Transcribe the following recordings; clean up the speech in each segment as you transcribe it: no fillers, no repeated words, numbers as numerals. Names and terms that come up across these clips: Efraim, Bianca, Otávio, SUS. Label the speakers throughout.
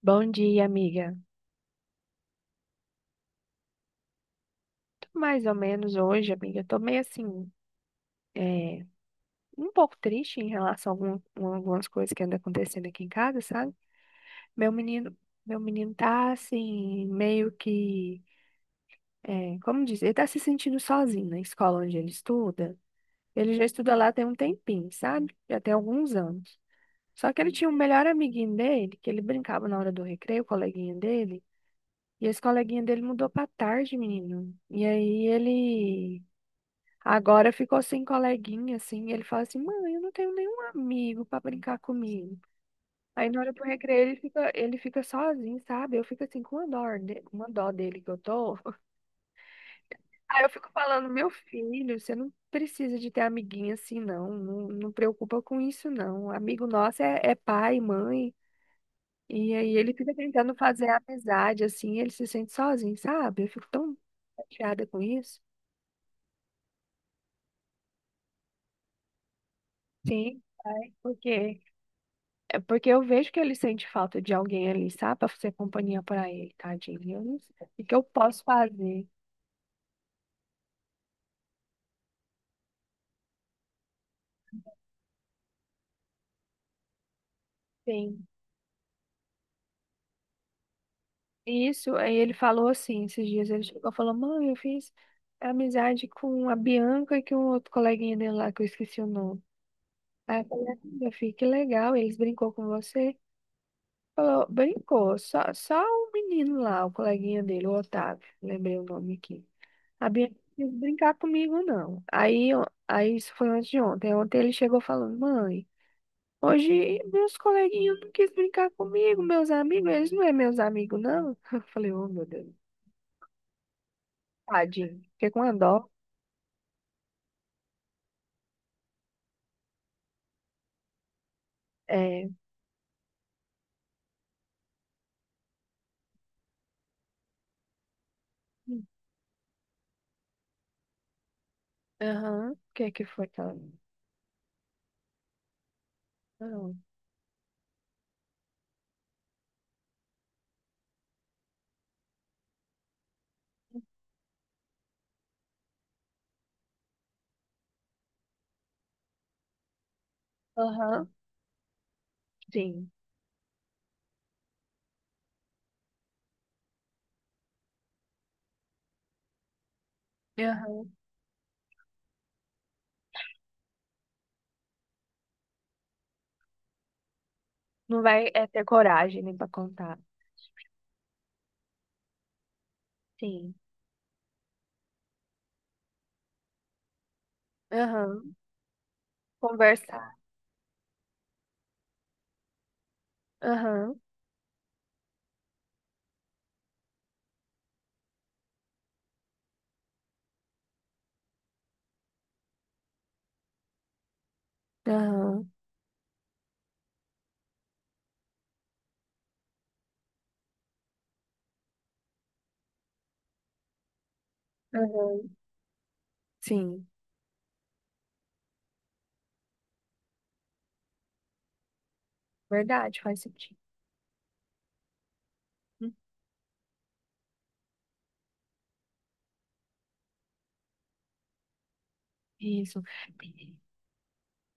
Speaker 1: Bom dia, amiga. Tô mais ou menos hoje, amiga. Eu tô meio assim, é, um pouco triste em relação a a algumas coisas que andam acontecendo aqui em casa, sabe? Meu menino, meu menino tá assim, meio que, é, como dizer, ele tá se sentindo sozinho na escola onde ele estuda. Ele já estuda lá tem um tempinho, sabe? Já tem alguns anos. Só que ele tinha um melhor amiguinho dele, que ele brincava na hora do recreio, o coleguinha dele. E esse coleguinha dele mudou pra tarde, menino. E aí ele agora ficou sem coleguinha, assim, e ele fala assim, mãe, eu não tenho nenhum amigo pra brincar comigo. Aí na hora do recreio ele fica sozinho, sabe? Eu fico assim com uma dó, uma dó dele que eu tô. Aí eu fico falando, meu filho, você não precisa de ter amiguinha assim, não. Não, não preocupa com isso, não. Amigo nosso é, é pai, mãe. E aí ele fica tentando fazer amizade, assim, ele se sente sozinho, sabe? Eu fico tão chateada com isso. Sim, pai, porque é porque eu vejo que ele sente falta de alguém ali, sabe? Pra fazer companhia pra ele, tadinho. Eu não sei o que eu posso fazer? Sim. Isso, aí ele falou assim, esses dias ele chegou e falou, mãe, eu fiz amizade com a Bianca e com um outro coleguinha dele lá, que eu esqueci o nome. Aí eu falei, "Ah, meu filho, que legal, eles brincou com você? Falou, brincou, só o menino lá, o coleguinha dele, o Otávio, lembrei o nome aqui. A Bianca não quis brincar comigo, não. Aí, aí isso foi antes de ontem. Ontem ele chegou falando, mãe. Hoje meus coleguinhas não quis brincar comigo, meus amigos, eles não é meus amigos, não. Eu falei, oh meu Deus, tadinho, fiquei com uma dó. É, hum, aham, o que é que foi, tá? Não. Aham, sim, aham. Não vai é, ter coragem nem pra contar. Sim, aham, conversar. Aham, aham, aham, sim, verdade, faz sentido. Isso.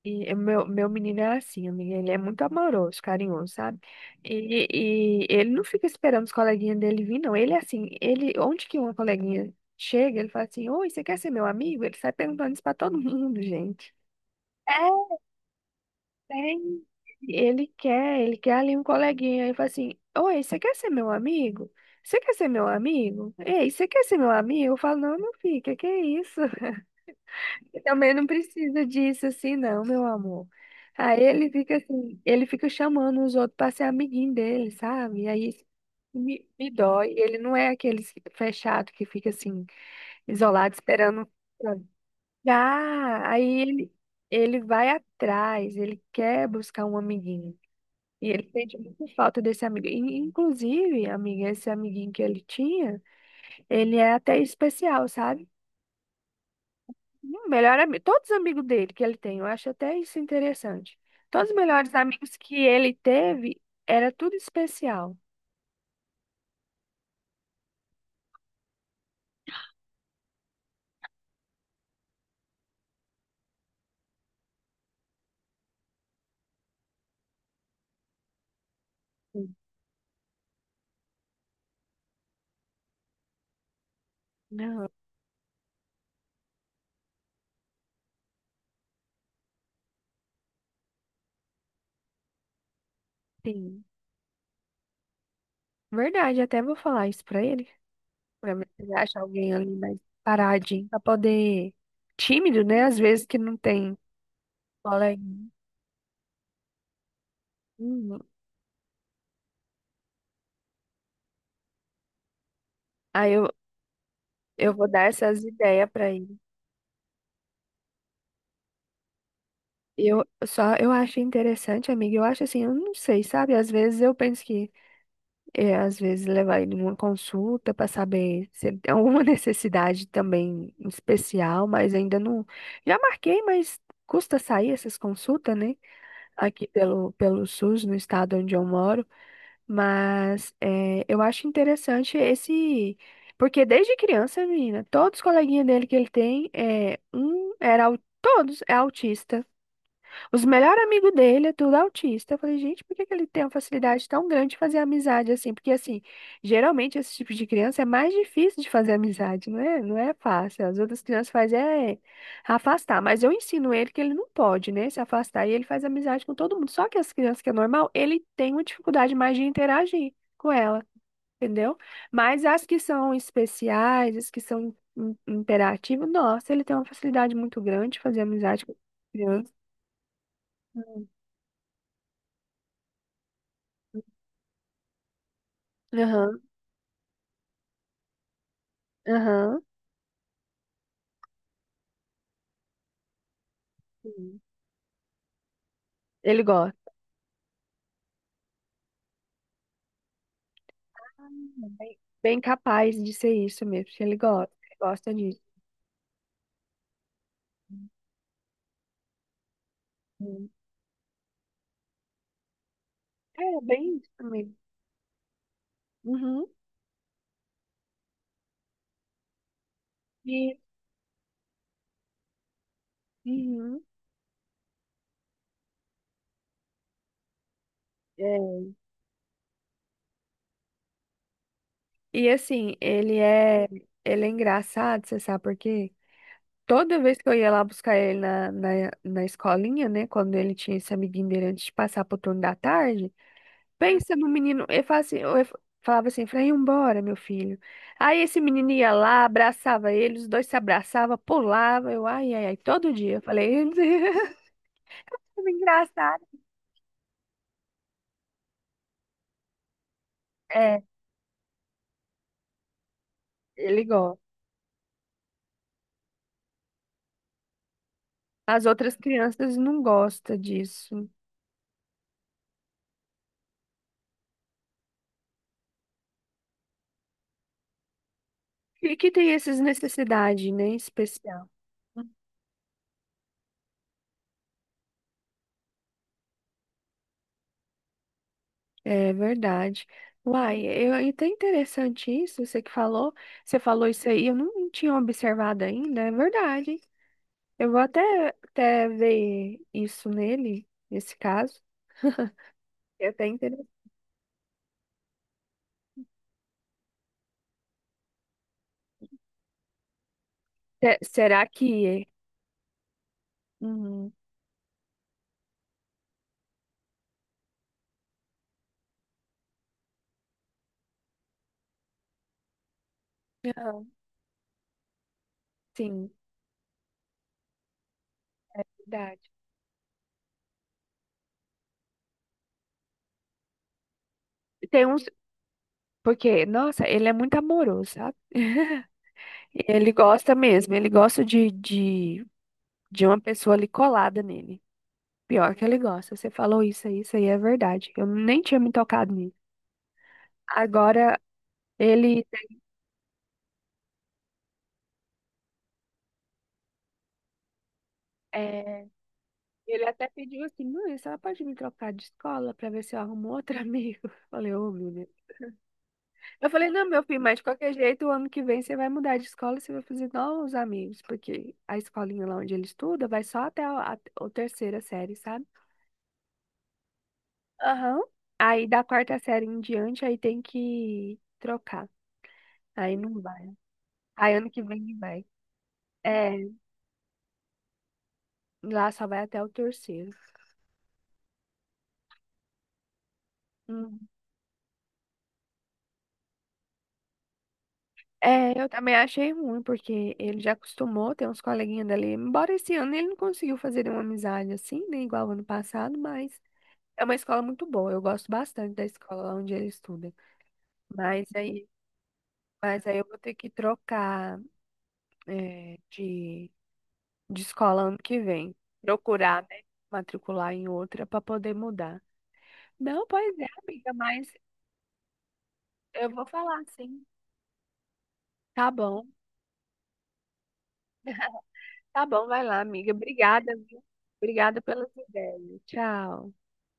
Speaker 1: E o meu menino é assim, amiga, ele é muito amoroso, carinhoso, sabe? E, e ele não fica esperando os coleguinhas dele vir, não. Ele é assim, ele, onde que uma coleguinha chega, ele fala assim, oi, você quer ser meu amigo? Ele sai perguntando isso pra todo mundo, gente. É, tem. Ele quer ali um coleguinha. Ele fala assim, oi, você quer ser meu amigo? Você quer ser meu amigo? Ei, você quer ser meu amigo? Eu falo, não, meu filho, que é isso? E também não precisa disso assim, não, meu amor. Aí ele fica assim, ele fica chamando os outros para ser amiguinho dele, sabe? E aí isso me dói. Ele não é aquele fechado que fica assim, isolado, esperando. Ah, ele vai atrás, ele quer buscar um amiguinho. E ele sente muita falta desse amigo. E, inclusive, amiga, esse amiguinho que ele tinha, ele é até especial, sabe? Melhor amigo, todos os amigos dele que ele tem, eu acho até isso interessante. Todos os melhores amigos que ele teve, era tudo especial. Sim. Não, sim. Verdade, até vou falar isso pra ele, pra ver se ele acha alguém ali mais paradinho, pra poder, tímido, né? Às vezes que não tem colega. Uhum. Aí eu vou dar essas ideias pra ele. Eu só, eu acho interessante, amiga, eu acho assim, eu não sei, sabe? Às vezes eu penso que é, às vezes levar ele numa consulta para saber se ele tem alguma necessidade também especial, mas ainda não. Já marquei, mas custa sair essas consultas, né? Aqui pelo SUS, no estado onde eu moro. Mas é, eu acho interessante esse. Porque desde criança, menina, todos os coleguinhas dele que ele tem, é, um era. Todos é autista. Os melhores amigos dele é tudo autista. Eu falei, gente, por que que ele tem uma facilidade tão grande de fazer amizade assim? Porque, assim, geralmente esse tipo de criança é mais difícil de fazer amizade, não é, não é fácil. As outras crianças fazem é afastar, mas eu ensino ele que ele não pode, né, se afastar e ele faz amizade com todo mundo. Só que as crianças que é normal, ele tem uma dificuldade mais de interagir com ela, entendeu? Mas as que são especiais, as que são imperativas, nossa, ele tem uma facilidade muito grande de fazer amizade com criança. Aham, aham. Sim. Ele gosta. Ah, bem capaz de ser isso mesmo. Ele gosta disso. Sim. É, bem isso também. Uhum. E, uhum. É. E assim, ele é engraçado, você sabe por quê? Toda vez que eu ia lá buscar ele na escolinha, né? Quando ele tinha esse amiguinho dele antes de passar pro turno da tarde, pensa no menino, eu falo assim, eu falava assim, Efraim, embora meu filho. Aí esse menino ia lá, abraçava ele, os dois se abraçavam, pulavam, eu, ai, ai, ai, todo dia. Eu falei, "Como engraçado. É, ele gosta. As outras crianças não gostam disso. E que tem essas necessidades, né, especial. É verdade. Uai, eu, é até interessante isso, você que falou, você falou isso aí, eu não tinha observado ainda, é verdade, eu vou até, até ver isso nele, nesse caso. É até interessante. Será que. Uhum. Aham, sim, verdade. Tem uns. Porque, nossa, ele é muito amoroso, sabe? Ele gosta mesmo, ele gosta de uma pessoa ali colada nele. Pior que ele gosta. Você falou isso aí é verdade. Eu nem tinha me tocado nisso. Agora, ele. É, ele até pediu assim, mãe, a senhora pode me trocar de escola pra ver se eu arrumo outro amigo? Eu falei, ô, menina. Eu falei, não, meu filho, mas de qualquer jeito, o ano que vem você vai mudar de escola e você vai fazer novos amigos, porque a escolinha lá onde ele estuda vai só até a terceira série, sabe? Aham. Aí da quarta série em diante, aí tem que trocar. Aí não vai. Aí ano que vem não vai. É, lá só vai até o terceiro. Hum. É, eu também achei ruim, porque ele já acostumou, tem uns coleguinhas dali. Embora esse ano ele não conseguiu fazer uma amizade assim, né? Igual ano passado, mas. É uma escola muito boa, eu gosto bastante da escola onde ele estuda. Mas aí, mas aí eu vou ter que trocar eh, de, de escola ano que vem. Procurar, né? Matricular em outra para poder mudar. Não, pois é, amiga, mas eu vou falar sim. Tá bom, tá bom, vai lá, amiga. Obrigada, viu? Obrigada pelas ideias. Tchau.